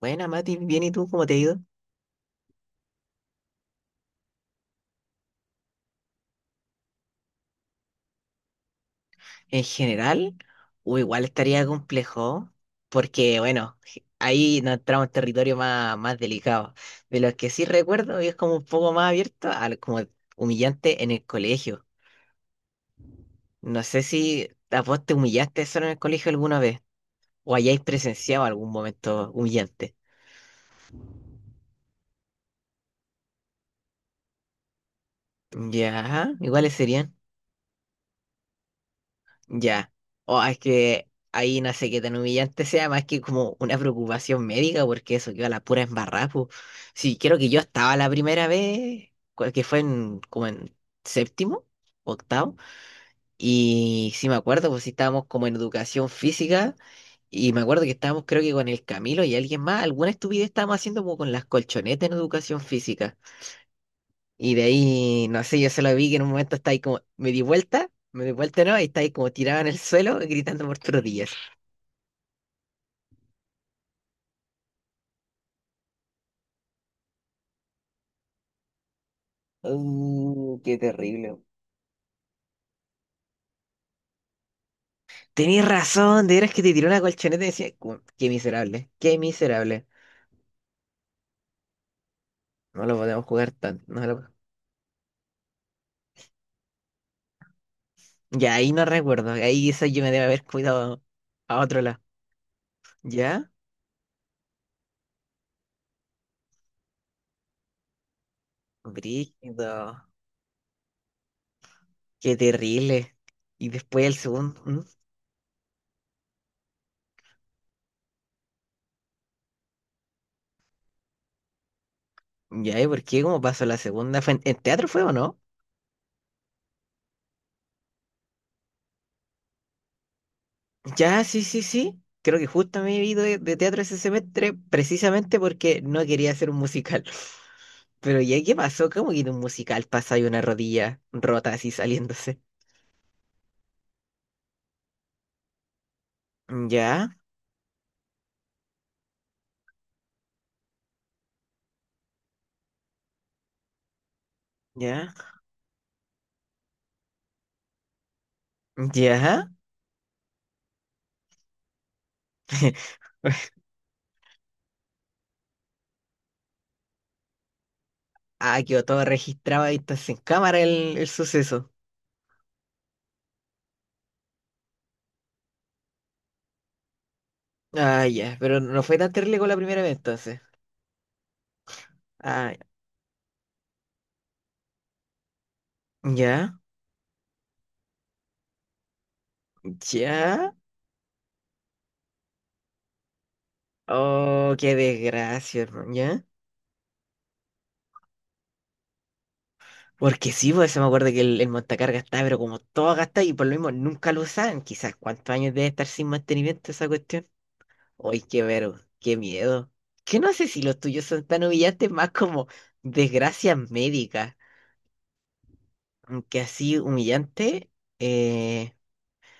Buena, Mati, bien, ¿y tú cómo te ha ido? En general, o igual estaría complejo, porque bueno, ahí nos entramos en territorio más delicado. De los que sí recuerdo, y es como un poco más abierto, como humillante en el colegio. No sé si a vos te humillaste solo en el colegio alguna vez, o hayáis presenciado algún momento humillante. Ya, ¿cuáles serían? Ya. O es que ahí no sé qué tan humillante sea, más que como una preocupación médica, porque eso quedó a la pura embarrada. Po. Sí, creo que yo estaba la primera vez, que fue en, como en séptimo, octavo, y sí me acuerdo, pues sí estábamos como en educación física, y me acuerdo que estábamos creo que con el Camilo y alguien más, alguna estupidez estábamos haciendo como con las colchonetas en educación física. Y de ahí, no sé, yo solo vi que en un momento está ahí como, me di vuelta, ¿no? Y está ahí como tirado en el suelo gritando por todos días. Qué terrible. Tenías razón, de veras que te tiró una colchoneta y decía, qué miserable, qué miserable. No lo podemos jugar tanto. No lo... Ya ahí no recuerdo, ahí eso yo me debe haber cuidado a otro lado. ¿Ya? Brígido, qué terrible. Y después el segundo, ¿mm? ¿Ya? ¿Y por qué? ¿Cómo pasó la segunda? ¿Fue en teatro fue o no? Ya, sí, sí, sí. Creo que justo me he ido de teatro ese semestre precisamente porque no quería hacer un musical. Pero ya, ¿qué pasó? ¿Cómo que de un musical pasa y una rodilla rota así saliéndose? Ya, ya, ya. Ah, quedó todo registrado ahí entonces en cámara el suceso. Ah, ya, pero no fue tan terrible como la primera vez entonces. Ah, ya, ya. Oh, qué desgracia, hermano, ¿ya? Porque sí, pues se me acuerdo que el montacargas estaba, pero como todo gastado y por lo mismo nunca lo usaban. Quizás cuántos años debe estar sin mantenimiento esa cuestión. Uy, qué vero, qué miedo. Que no sé si los tuyos son tan humillantes, más como desgracias médicas. Aunque así humillante, eh,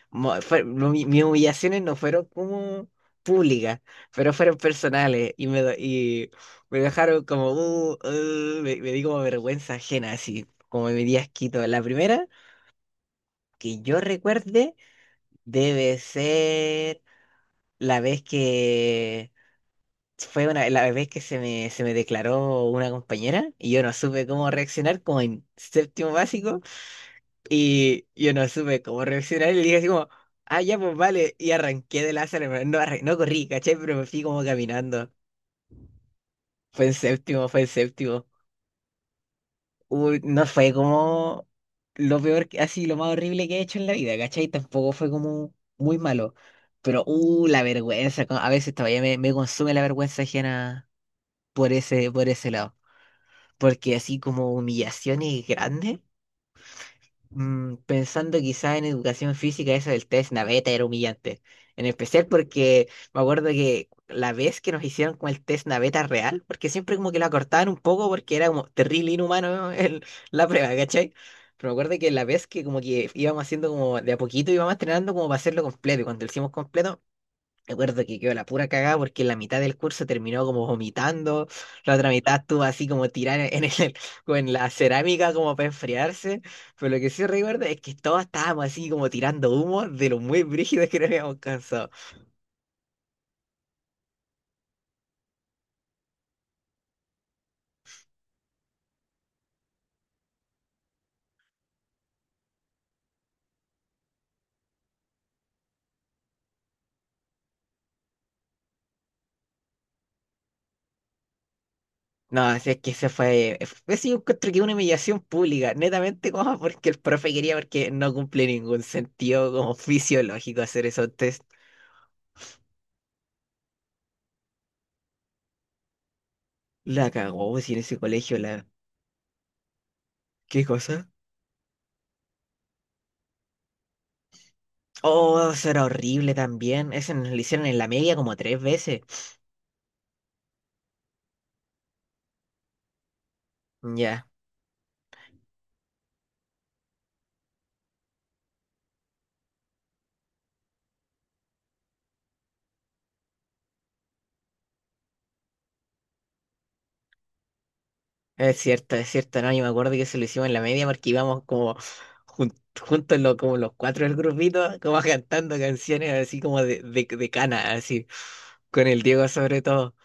no, mis humillaciones no fueron como públicas, pero fueron personales y y me dejaron como, me di como vergüenza ajena, así como me di asquito. La primera, que yo recuerde, debe ser la vez que la vez que se me declaró una compañera y yo no supe cómo reaccionar, como en séptimo básico, y yo no supe cómo reaccionar y le dije así como, ah, ya, pues vale, y arranqué de la sala, pero no, no corrí, ¿cachai? Pero me fui como caminando. Fue en séptimo, fue en séptimo. Uy, no fue como lo peor, así lo más horrible que he hecho en la vida, ¿cachai? Tampoco fue como muy malo. Pero, la vergüenza, a veces todavía me consume la vergüenza ajena por ese lado. Porque así como humillaciones grandes. Pensando quizá en educación física, eso del test naveta era humillante. En especial porque me acuerdo que la vez que nos hicieron con el test naveta real, porque siempre como que lo acortaban un poco porque era como terrible inhumano la prueba, ¿cachai? Pero me acuerdo que la vez que como que íbamos haciendo como de a poquito, íbamos entrenando como para hacerlo completo. Y cuando lo hicimos completo, recuerdo que quedó la pura cagada porque la mitad del curso terminó como vomitando, la otra mitad estuvo así como tirada en el, como en la cerámica como para enfriarse, pero lo que sí recuerdo es que todos estábamos así como tirando humo de lo muy brígido que nos habíamos cansado. No, así es que se fue, ese yo encuentro que una humillación pública, netamente como porque el profe quería, porque no cumple ningún sentido como fisiológico hacer esos test. La cagó, pues, si en ese colegio la... ¿Qué cosa? Oh, eso era horrible también. Ese nos lo hicieron en la media como tres veces. Ya, es cierto, no, yo me acuerdo que se lo hicimos en la media porque íbamos como jun- juntos como los cuatro del grupito, como cantando canciones así como de, de cana, así, con el Diego sobre todo.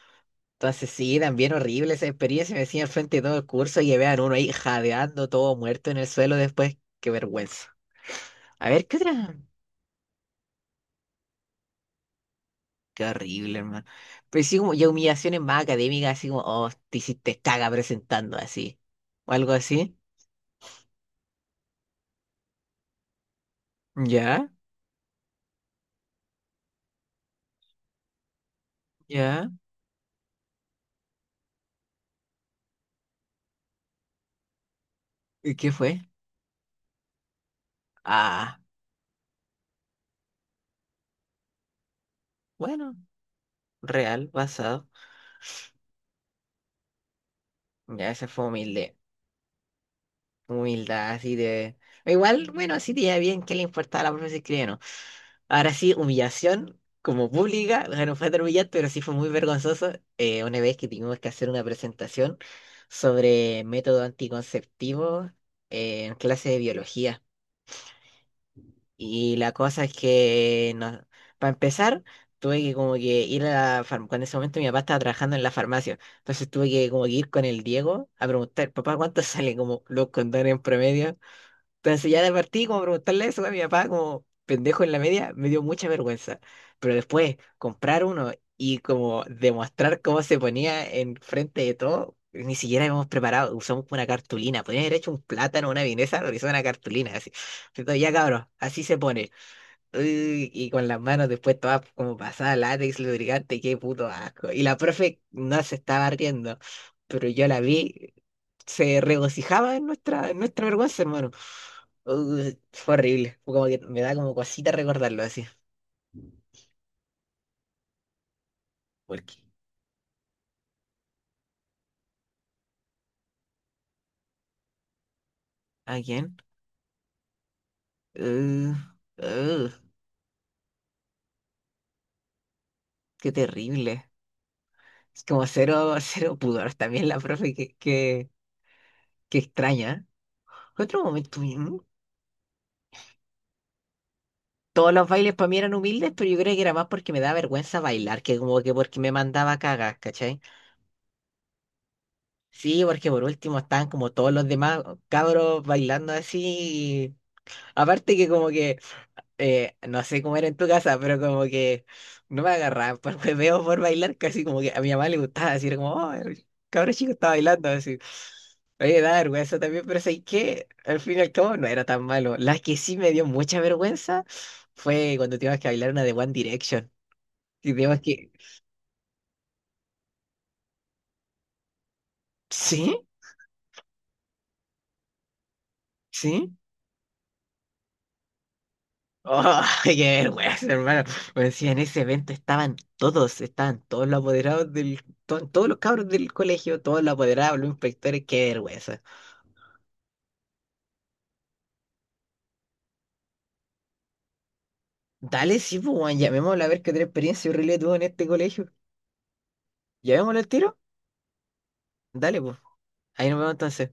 Entonces sí, también horrible esa experiencia, me decían al frente de todo el curso y vean uno ahí jadeando, todo muerto en el suelo después, qué vergüenza. A ver, ¿qué otra? Qué horrible, hermano. Pero sí, como ya humillaciones más académicas, así como, oh, te hiciste caga presentando así. O algo así. Ya, ya. ¿Y qué fue? Ah, bueno, real, basado. Ya, esa fue humilde. Humildad, así de. Igual, bueno, así te iba bien, ¿qué le importaba a la profesora si escribía o no? Ahora sí, humillación como pública, o sea, no fue tan humillante, pero sí fue muy vergonzoso, una vez que tuvimos que hacer una presentación sobre método anticonceptivo, en clase de biología. Y la cosa es que, no, para empezar, tuve que como que ir a la farmacia, en ese momento mi papá estaba trabajando en la farmacia, entonces tuve que como que ir con el Diego a preguntar, papá, ¿cuánto salen como los condones en promedio? Entonces ya de partí como preguntarle eso a mi papá como pendejo en la media, me dio mucha vergüenza. Pero después comprar uno y como demostrar cómo se ponía en frente de todo, ni siquiera habíamos preparado, usamos una cartulina, podrían haber hecho un plátano, una vienesa, lo hizo una cartulina así. Entonces ya cabros, así se pone. Uy, y con las manos después todas como pasada látex, lubricante, qué puto asco. Y la profe no se estaba riendo, pero yo la vi, se regocijaba en nuestra vergüenza, hermano. Fue horrible. Fue como que me da como cosita recordarlo así. ¿A quién? Uh, uh, Qué terrible. Es como cero, cero pudor también la profe, que extraña. Otro momento, todos los bailes para mí eran humildes, pero yo creo que era más porque me da vergüenza bailar, que como que porque me mandaba a cagar, ¿cachai? Sí, porque por último estaban como todos los demás cabros bailando así. Aparte que como que no sé cómo era en tu casa, pero como que no me agarraban por hueveo, por bailar, casi como que a mi mamá le gustaba, así era como, oh, el cabro chico está bailando, así. Oye, da vergüenza también, pero ¿sabes qué? Al fin y al cabo no era tan malo. La que sí me dio mucha vergüenza fue cuando tuvimos que bailar una de One Direction. Y tuvimos que... ¿Sí? ¿Sí? ¡Oh, qué vergüenza, hermano! Me decía, en ese evento estaban todos los apoderados del... todos los cabros del colegio, todos los apoderados, los inspectores, qué vergüenza. Dale, sí, pues, weón, llamémoslo a ver qué otra experiencia horrible tuvo en este colegio. ¿Llamémoslo al tiro? Dale, pues. Ahí nos vemos entonces.